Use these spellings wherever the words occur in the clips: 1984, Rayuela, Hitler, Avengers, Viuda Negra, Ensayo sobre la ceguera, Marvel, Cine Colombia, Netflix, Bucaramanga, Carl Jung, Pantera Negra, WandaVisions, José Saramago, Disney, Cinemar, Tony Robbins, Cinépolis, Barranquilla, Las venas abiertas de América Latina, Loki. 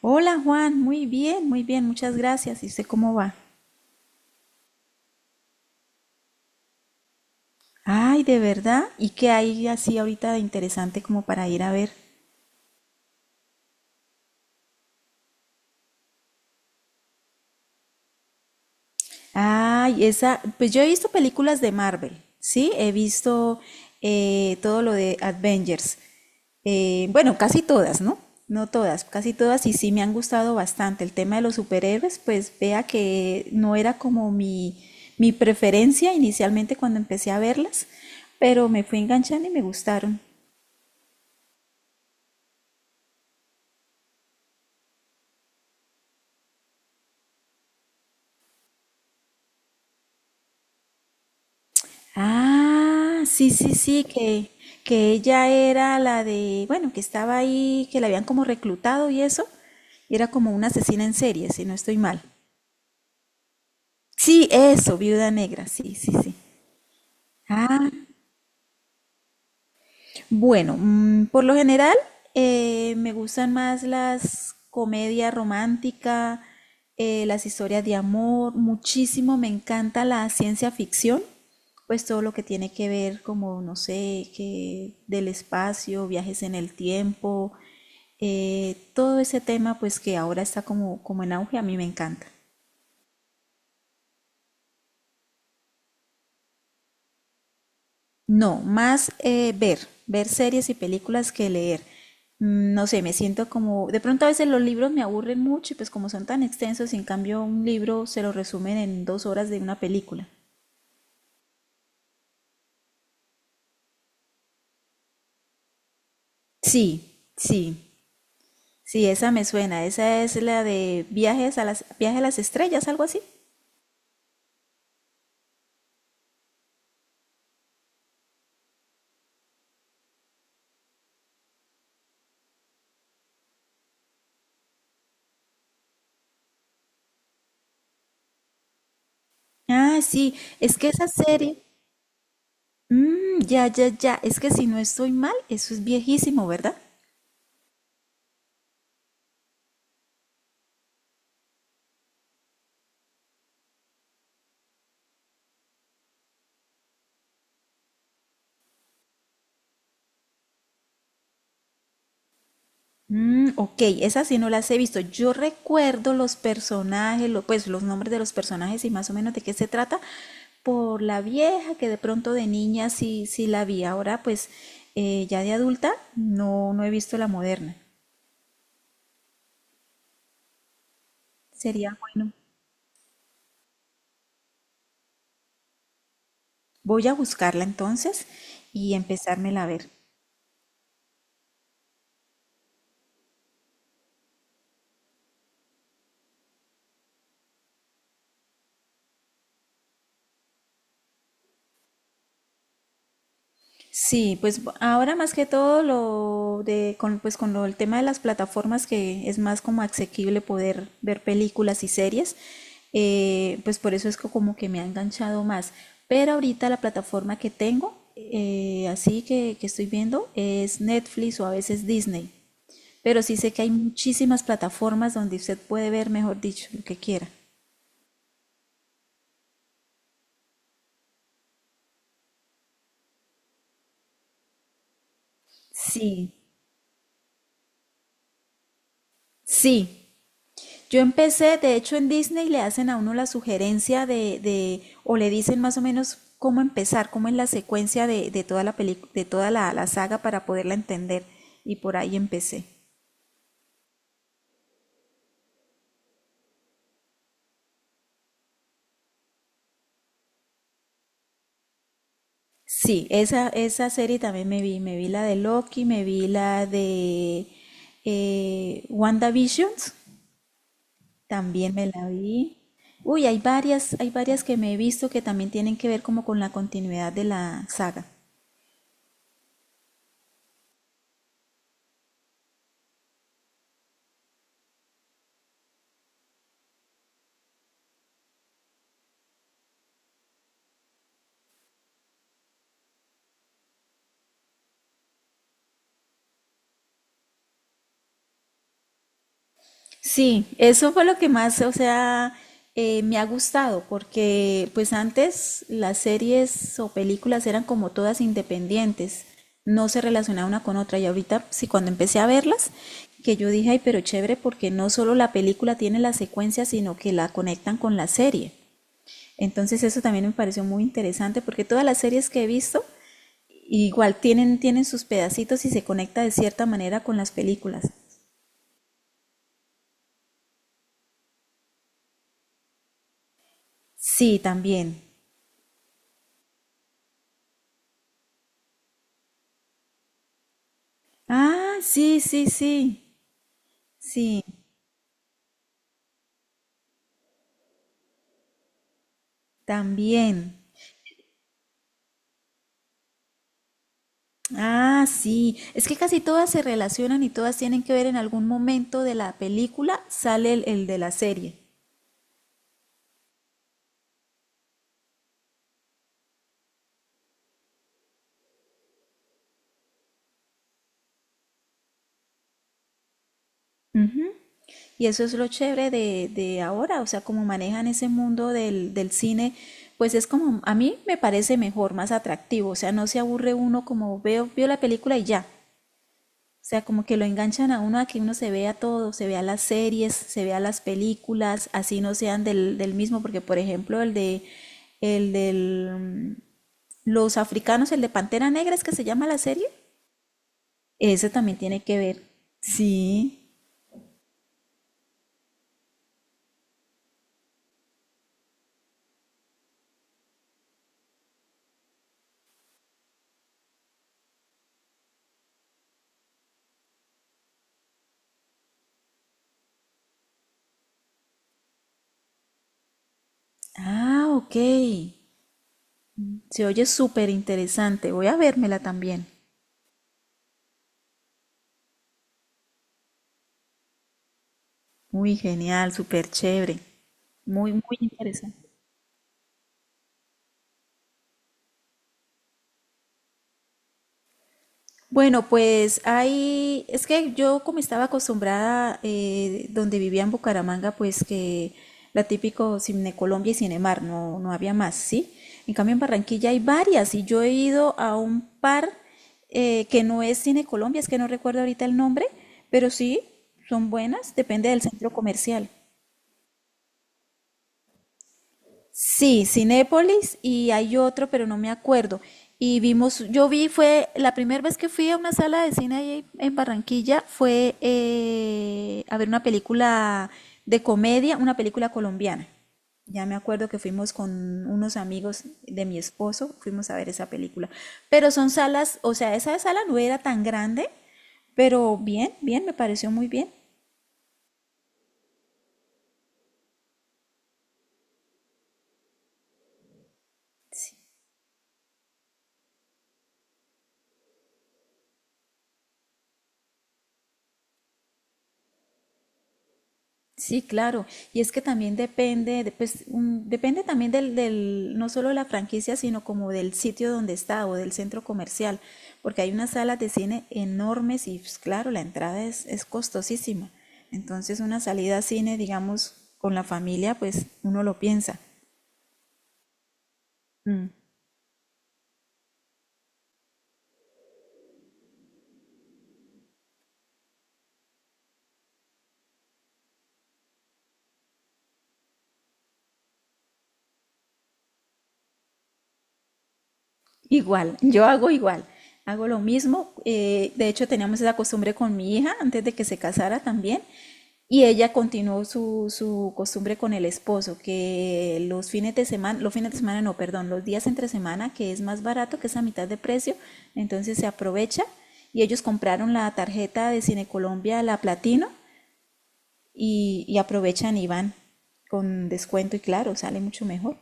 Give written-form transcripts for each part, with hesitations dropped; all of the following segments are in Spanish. Hola Juan, muy bien, muchas gracias. ¿Y usted cómo va? Ay, ¿de verdad? ¿Y qué hay así ahorita de interesante como para ir a ver? Ay, esa, pues yo he visto películas de Marvel, ¿sí? He visto todo lo de Avengers. Bueno, casi todas, ¿no? No todas, casi todas y sí me han gustado bastante. El tema de los superhéroes, pues vea que no era como mi preferencia inicialmente cuando empecé a verlas, pero me fui enganchando y me gustaron. Ah, sí, sí, sí, que ella era la de, bueno, que estaba ahí, que la habían como reclutado y eso, y era como una asesina en serie, si no estoy mal. Sí, eso, Viuda Negra, sí, sí, sí. Ah. Bueno, por lo general me gustan más las comedias románticas, las historias de amor, muchísimo me encanta la ciencia ficción, pues todo lo que tiene que ver como, no sé, que del espacio, viajes en el tiempo, todo ese tema pues que ahora está como en auge, a mí me encanta. No, más ver series y películas que leer. No sé, me siento como, de pronto a veces los libros me aburren mucho y pues como son tan extensos, en cambio un libro se lo resumen en dos horas de una película. Sí, sí, sí, esa me suena, esa es la de viaje a las estrellas, algo así. Ah, sí, es que esa serie, ya, ya, ya. Es que si no estoy mal, eso es viejísimo, ¿verdad? Ok, esas sí no las he visto. Yo recuerdo los personajes, pues los nombres de los personajes y más o menos de qué se trata por la vieja que de pronto de niña sí, sí la vi. Ahora pues ya de adulta no, no he visto la moderna. Sería bueno. Voy a buscarla entonces y empezármela a ver. Sí, pues ahora más que todo lo de con, pues con lo, el tema de las plataformas que es más como asequible poder ver películas y series, pues por eso es como que me ha enganchado más. Pero ahorita la plataforma que tengo, así que estoy viendo, es Netflix o a veces Disney. Pero sí sé que hay muchísimas plataformas donde usted puede ver, mejor dicho, lo que quiera. Sí, sí, yo empecé, de hecho en Disney le hacen a uno la sugerencia de o le dicen más o menos cómo empezar, cómo es la secuencia de toda la saga para poderla entender. Y por ahí empecé. Sí, esa serie también me vi. Me vi la de Loki, me vi la de WandaVisions, también me la vi. Uy, hay varias que me he visto que también tienen que ver como con la continuidad de la saga. Sí, eso fue lo que más, o sea, me ha gustado, porque pues antes las series o películas eran como todas independientes, no se relacionaban una con otra, y ahorita sí, cuando empecé a verlas, que yo dije, ay, pero chévere, porque no solo la película tiene la secuencia, sino que la conectan con la serie. Entonces eso también me pareció muy interesante, porque todas las series que he visto, igual tienen sus pedacitos y se conecta de cierta manera con las películas. Sí, también. Ah, sí, sí, sí, sí, también. Ah, sí, es que casi todas se relacionan y todas tienen que ver en algún momento de la película, sale el de la serie. Ujú. Y eso es lo chévere de ahora, o sea, como manejan ese mundo del cine, pues es como, a mí me parece mejor, más atractivo, o sea, no se aburre uno como vio la película y ya. O sea, como que lo enganchan a uno a que uno se vea todo, se vea las series, se vea las películas, así no sean del mismo, porque por ejemplo el de el del mm, los africanos, el de Pantera Negra es que se llama la serie, ese también tiene que ver. Sí. Ah, ok. Se oye súper interesante. Voy a vérmela también. Muy genial, súper chévere. Muy, muy interesante. Bueno, pues ahí es que yo como estaba acostumbrada donde vivía en Bucaramanga, pues que la típico Cine Colombia y Cinemar, no, no había más, ¿sí? En cambio en Barranquilla hay varias y yo he ido a un par que no es Cine Colombia, es que no recuerdo ahorita el nombre, pero sí, son buenas, depende del centro comercial. Sí, Cinépolis y hay otro, pero no me acuerdo. Y yo vi, fue la primera vez que fui a una sala de cine ahí en Barranquilla, fue a ver una película de comedia, una película colombiana. Ya me acuerdo que fuimos con unos amigos de mi esposo, fuimos a ver esa película. Pero son salas, o sea, esa sala no era tan grande, pero bien, bien, me pareció muy bien. Sí, claro. Y es que también depende, pues, depende también del, no solo de la franquicia, sino como del sitio donde está o del centro comercial, porque hay unas salas de cine enormes y, pues, claro, la entrada es costosísima. Entonces, una salida a cine, digamos, con la familia, pues uno lo piensa. Igual, yo hago igual, hago lo mismo. De hecho, teníamos esa costumbre con mi hija antes de que se casara también. Y ella continuó su costumbre con el esposo, que los fines de semana, los fines de semana no, perdón, los días entre semana, que es más barato, que es a mitad de precio, entonces se aprovecha. Y ellos compraron la tarjeta de Cine Colombia, la Platino, y aprovechan y van con descuento y claro, sale mucho mejor.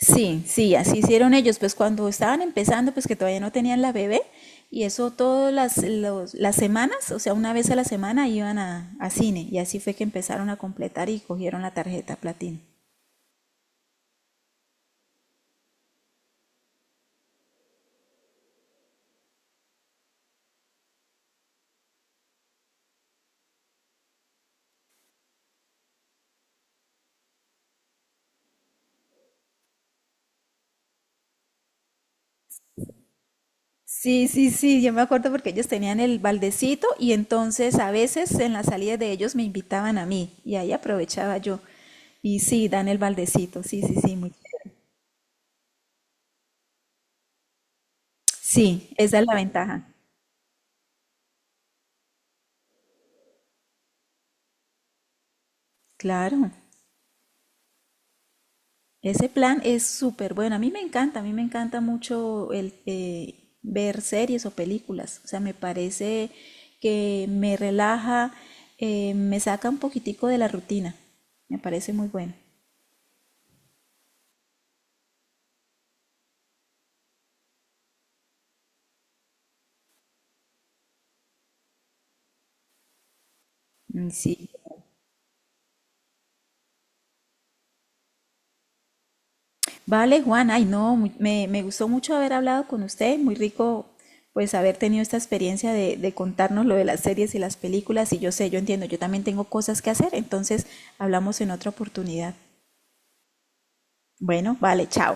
Sí, sí, así hicieron ellos, pues cuando estaban empezando, pues que todavía no tenían la bebé, y eso todas las semanas, o sea, una vez a la semana iban a cine, y así fue que empezaron a completar y cogieron la tarjeta platino. Sí, sí, sí, yo me acuerdo porque ellos tenían el baldecito y entonces a veces en las salidas de ellos me invitaban a mí y ahí aprovechaba yo. Y sí, dan el baldecito, sí, sí, sí, muy... Sí, esa es la ventaja, claro. Ese plan es súper bueno. A mí me encanta, a mí me encanta mucho el ver series o películas. O sea, me parece que me relaja, me saca un poquitico de la rutina. Me parece muy bueno. Mm, sí. Vale, Juan, ay no, me gustó mucho haber hablado con usted. Muy rico, pues, haber tenido esta experiencia de contarnos lo de las series y las películas. Y yo sé, yo entiendo, yo también tengo cosas que hacer. Entonces, hablamos en otra oportunidad. Bueno, vale, chao.